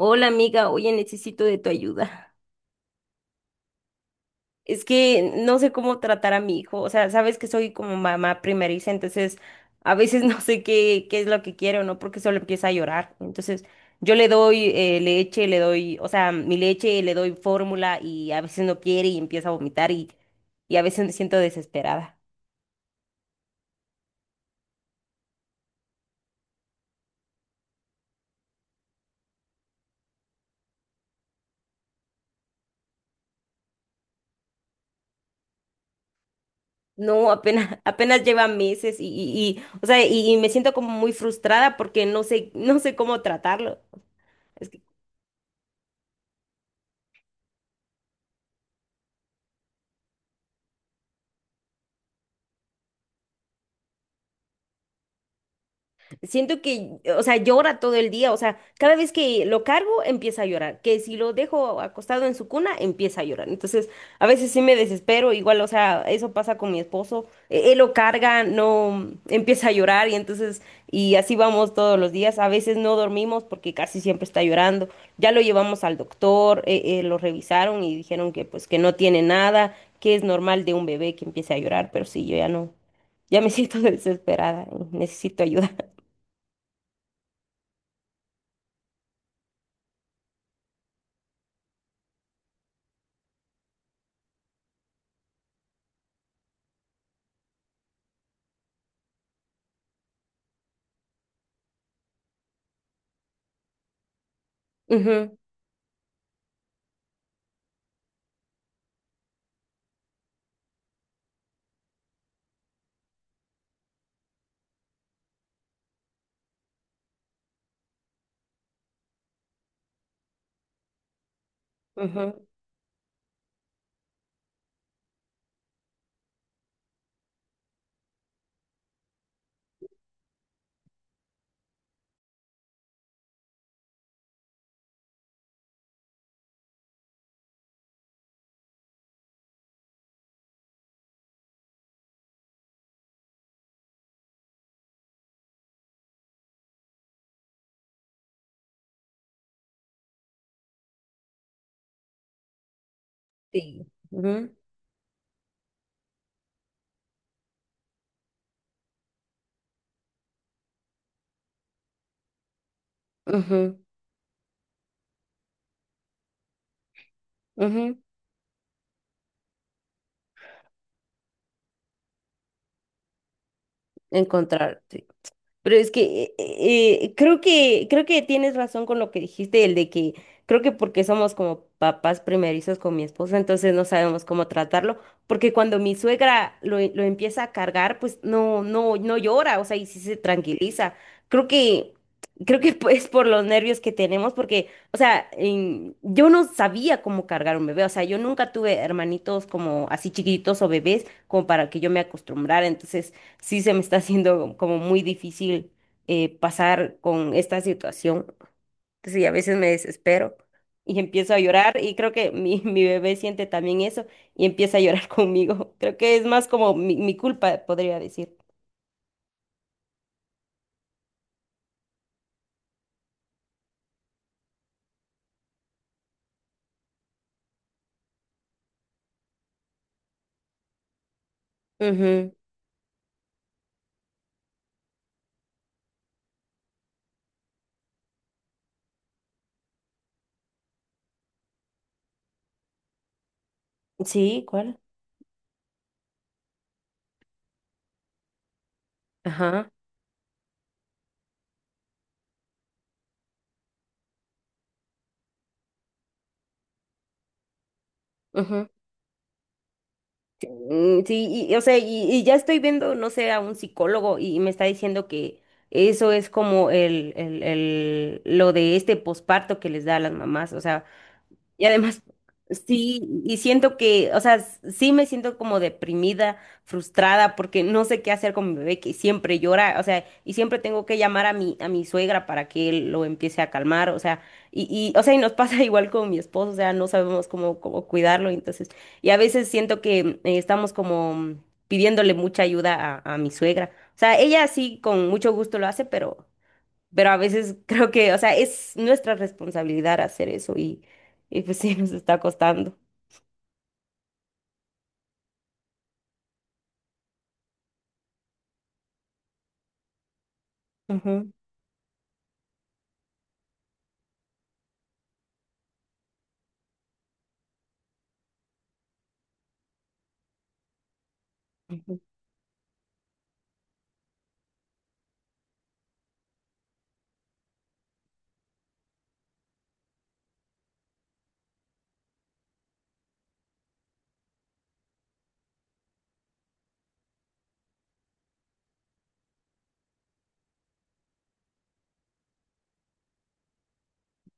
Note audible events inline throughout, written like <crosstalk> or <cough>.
Hola amiga, oye, necesito de tu ayuda. Es que no sé cómo tratar a mi hijo, o sea, sabes que soy como mamá primeriza, entonces a veces <laughs> no sé qué es lo que quiero, ¿no? Porque solo empieza a llorar. Entonces yo le doy leche, le doy, o sea, mi leche, le doy fórmula y a veces no quiere y empieza a vomitar y a veces me siento desesperada. No, apenas, <laughs> apenas lleva meses o sea, y me siento como muy frustrada porque no sé cómo tratarlo. Siento que, o sea, llora todo el día, o sea, cada vez que lo cargo empieza a llorar, que si lo dejo acostado en su cuna empieza a llorar. Entonces, a veces sí me desespero, igual, o sea, eso pasa con mi esposo, él lo carga, no empieza a llorar y entonces, y así vamos todos los días. A veces no dormimos porque casi siempre está llorando. Ya lo llevamos al doctor, lo revisaron y dijeron que pues que no tiene nada, que es normal de un bebé que empiece a llorar, pero sí, yo ya no, ya me <laughs> siento desesperada, y necesito ayuda. Ujú, ujú, sí, ujú, ujú, ujú. Encontrar, sí. Pero es que creo que creo que tienes razón con lo que dijiste, el de que creo que porque somos como papás primerizos con mi esposa, entonces no sabemos cómo tratarlo, porque cuando mi suegra lo empieza a cargar, pues no llora, o sea, y sí se tranquiliza. Creo que creo que <laughs> es por los nervios que tenemos, porque, o sea, yo no sabía cómo cargar un bebé, o sea, yo nunca tuve hermanitos como así chiquitos o bebés como para que yo me acostumbrara, entonces sí se me está haciendo como muy difícil pasar con esta situación. Sí, a veces me desespero y empiezo a llorar y creo que mi, <laughs> mi bebé siente también eso y empieza a llorar <laughs> conmigo. Creo que es más como mi culpa, podría decir. Ujú. Sí, ¿cuál? Ajá. Ujú. Mm, sí, o sea, y ya estoy viendo, no sé, a un psicólogo y me está diciendo que eso es como lo de este posparto que les da a las mamás, o sea, y además, sí, y siento que, o sea, sí me siento como deprimida, frustrada, porque no sé qué hacer con mi bebé que siempre llora, o sea, y siempre tengo que llamar a mi suegra para que él lo empiece a calmar, o sea, y, o sea, y nos pasa <laughs> igual con mi esposo, o sea, no sabemos cómo cuidarlo, entonces, y a veces siento que estamos como pidiéndole mucha ayuda a mi suegra. O sea, ella sí con mucho gusto lo hace, pero a veces <laughs> creo que, o sea, es nuestra responsabilidad hacer eso y pues sí, nos está costando. Ujú, ujú,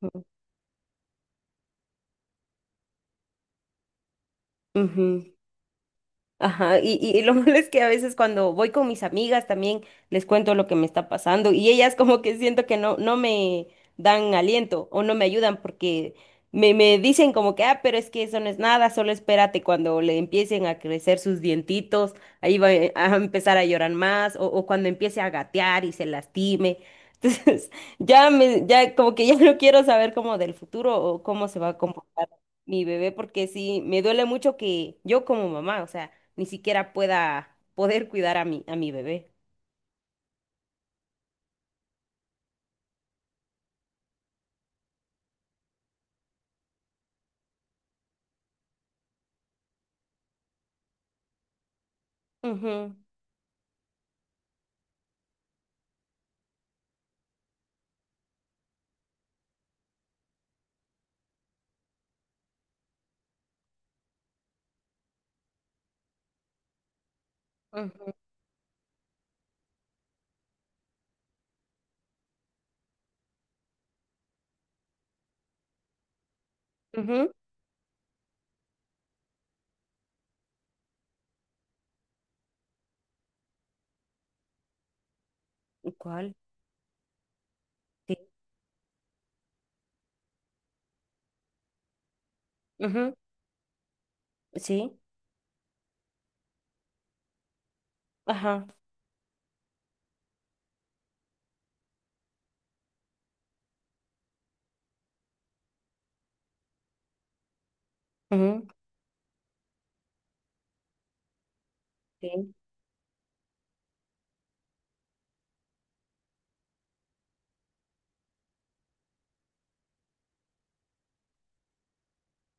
ujú. Ujú. Ajá, y lo <laughs> malo es que a veces cuando voy con mis amigas también les cuento lo que me está pasando y ellas como que siento que no me dan aliento o no me ayudan porque me dicen como que, ah, pero es que eso no es nada, solo espérate cuando le empiecen a crecer sus dientitos, ahí va a empezar a llorar más o cuando empiece a gatear y se lastime. <laughs> Entonces, ya me, ya como que ya no quiero saber como del futuro o cómo se va a comportar mi bebé porque sí, me duele mucho que yo como mamá, o sea ni siquiera pueda poder cuidar a mi bebé. Ujú, ujú, ujú. ¿Cuál? Sí. Ujú, sí. Ajá. Ujú, sí.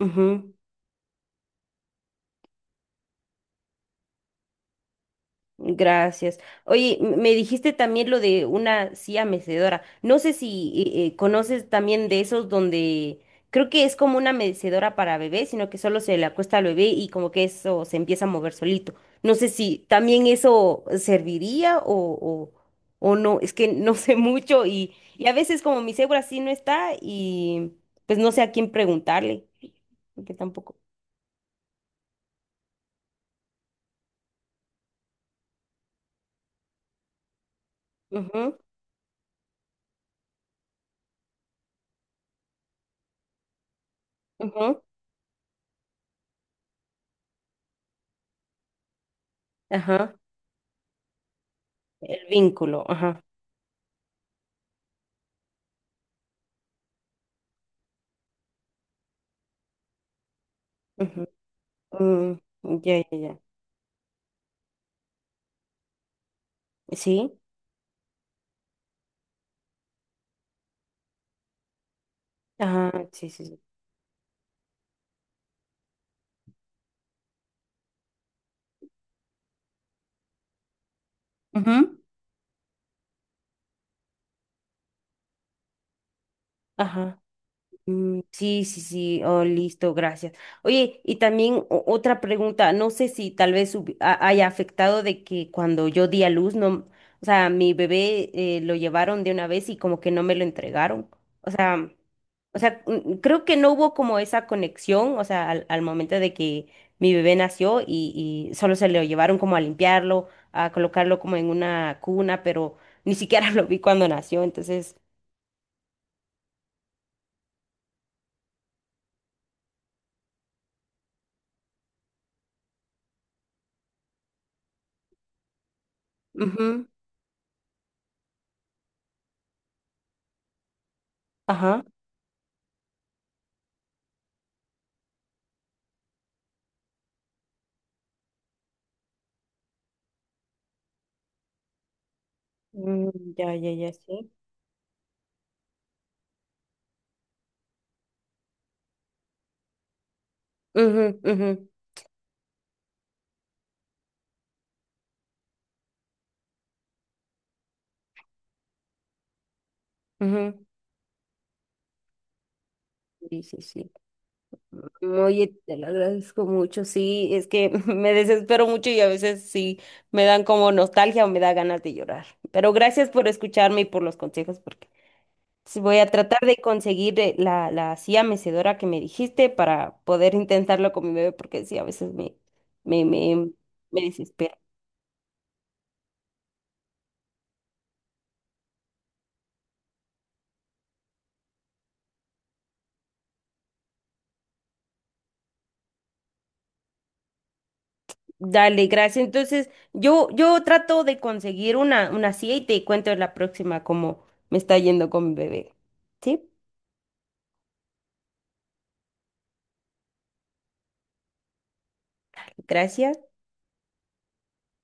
Ujú. Gracias. Oye, me dijiste también lo de una silla mecedora. No sé si conoces también de esos donde creo que es como una mecedora para bebé, sino que solo se le acuesta al bebé y como que eso se empieza a mover solito. No sé si también eso serviría o no. Es que <laughs> no sé mucho y a veces como mi cebra sí no está y pues no sé a quién preguntarle, porque tampoco. Ujú, ujú. Ajá. El vínculo. Ajá. Mm, ya, ya, ya. ¿Sí? Ajá, sí, sí, sí. Ujú, ajá. Mm, sí, sí, sí, oh, listo, gracias. Oye, y también otra pregunta, no sé si tal vez haya afectado de que cuando yo di a luz, no, o sea, mi bebé lo llevaron de una vez y como que no me lo entregaron. O sea, o sea, creo que no hubo como esa conexión, o sea, al momento de que mi bebé nació y solo se lo llevaron como a limpiarlo, a colocarlo como en una cuna, pero ni siquiera <laughs> lo vi cuando nació, entonces, ujú, ajá. Mm, ya, ya, ya, sí. Ujú, ujú, ujú. Sí, sí, sí. Oye, te lo agradezco mucho. Sí, es que <laughs> me desespero mucho y a veces sí me dan como nostalgia o me da ganas de llorar. Pero gracias por escucharme y por los consejos, porque sí voy a tratar de conseguir la, la silla mecedora que me dijiste para poder intentarlo con mi bebé, porque sí, a veces me, me, me desespero. Dale, gracias. Entonces, yo trato de conseguir una silla y te cuento la próxima cómo me está yendo con mi bebé. ¿Sí? Gracias.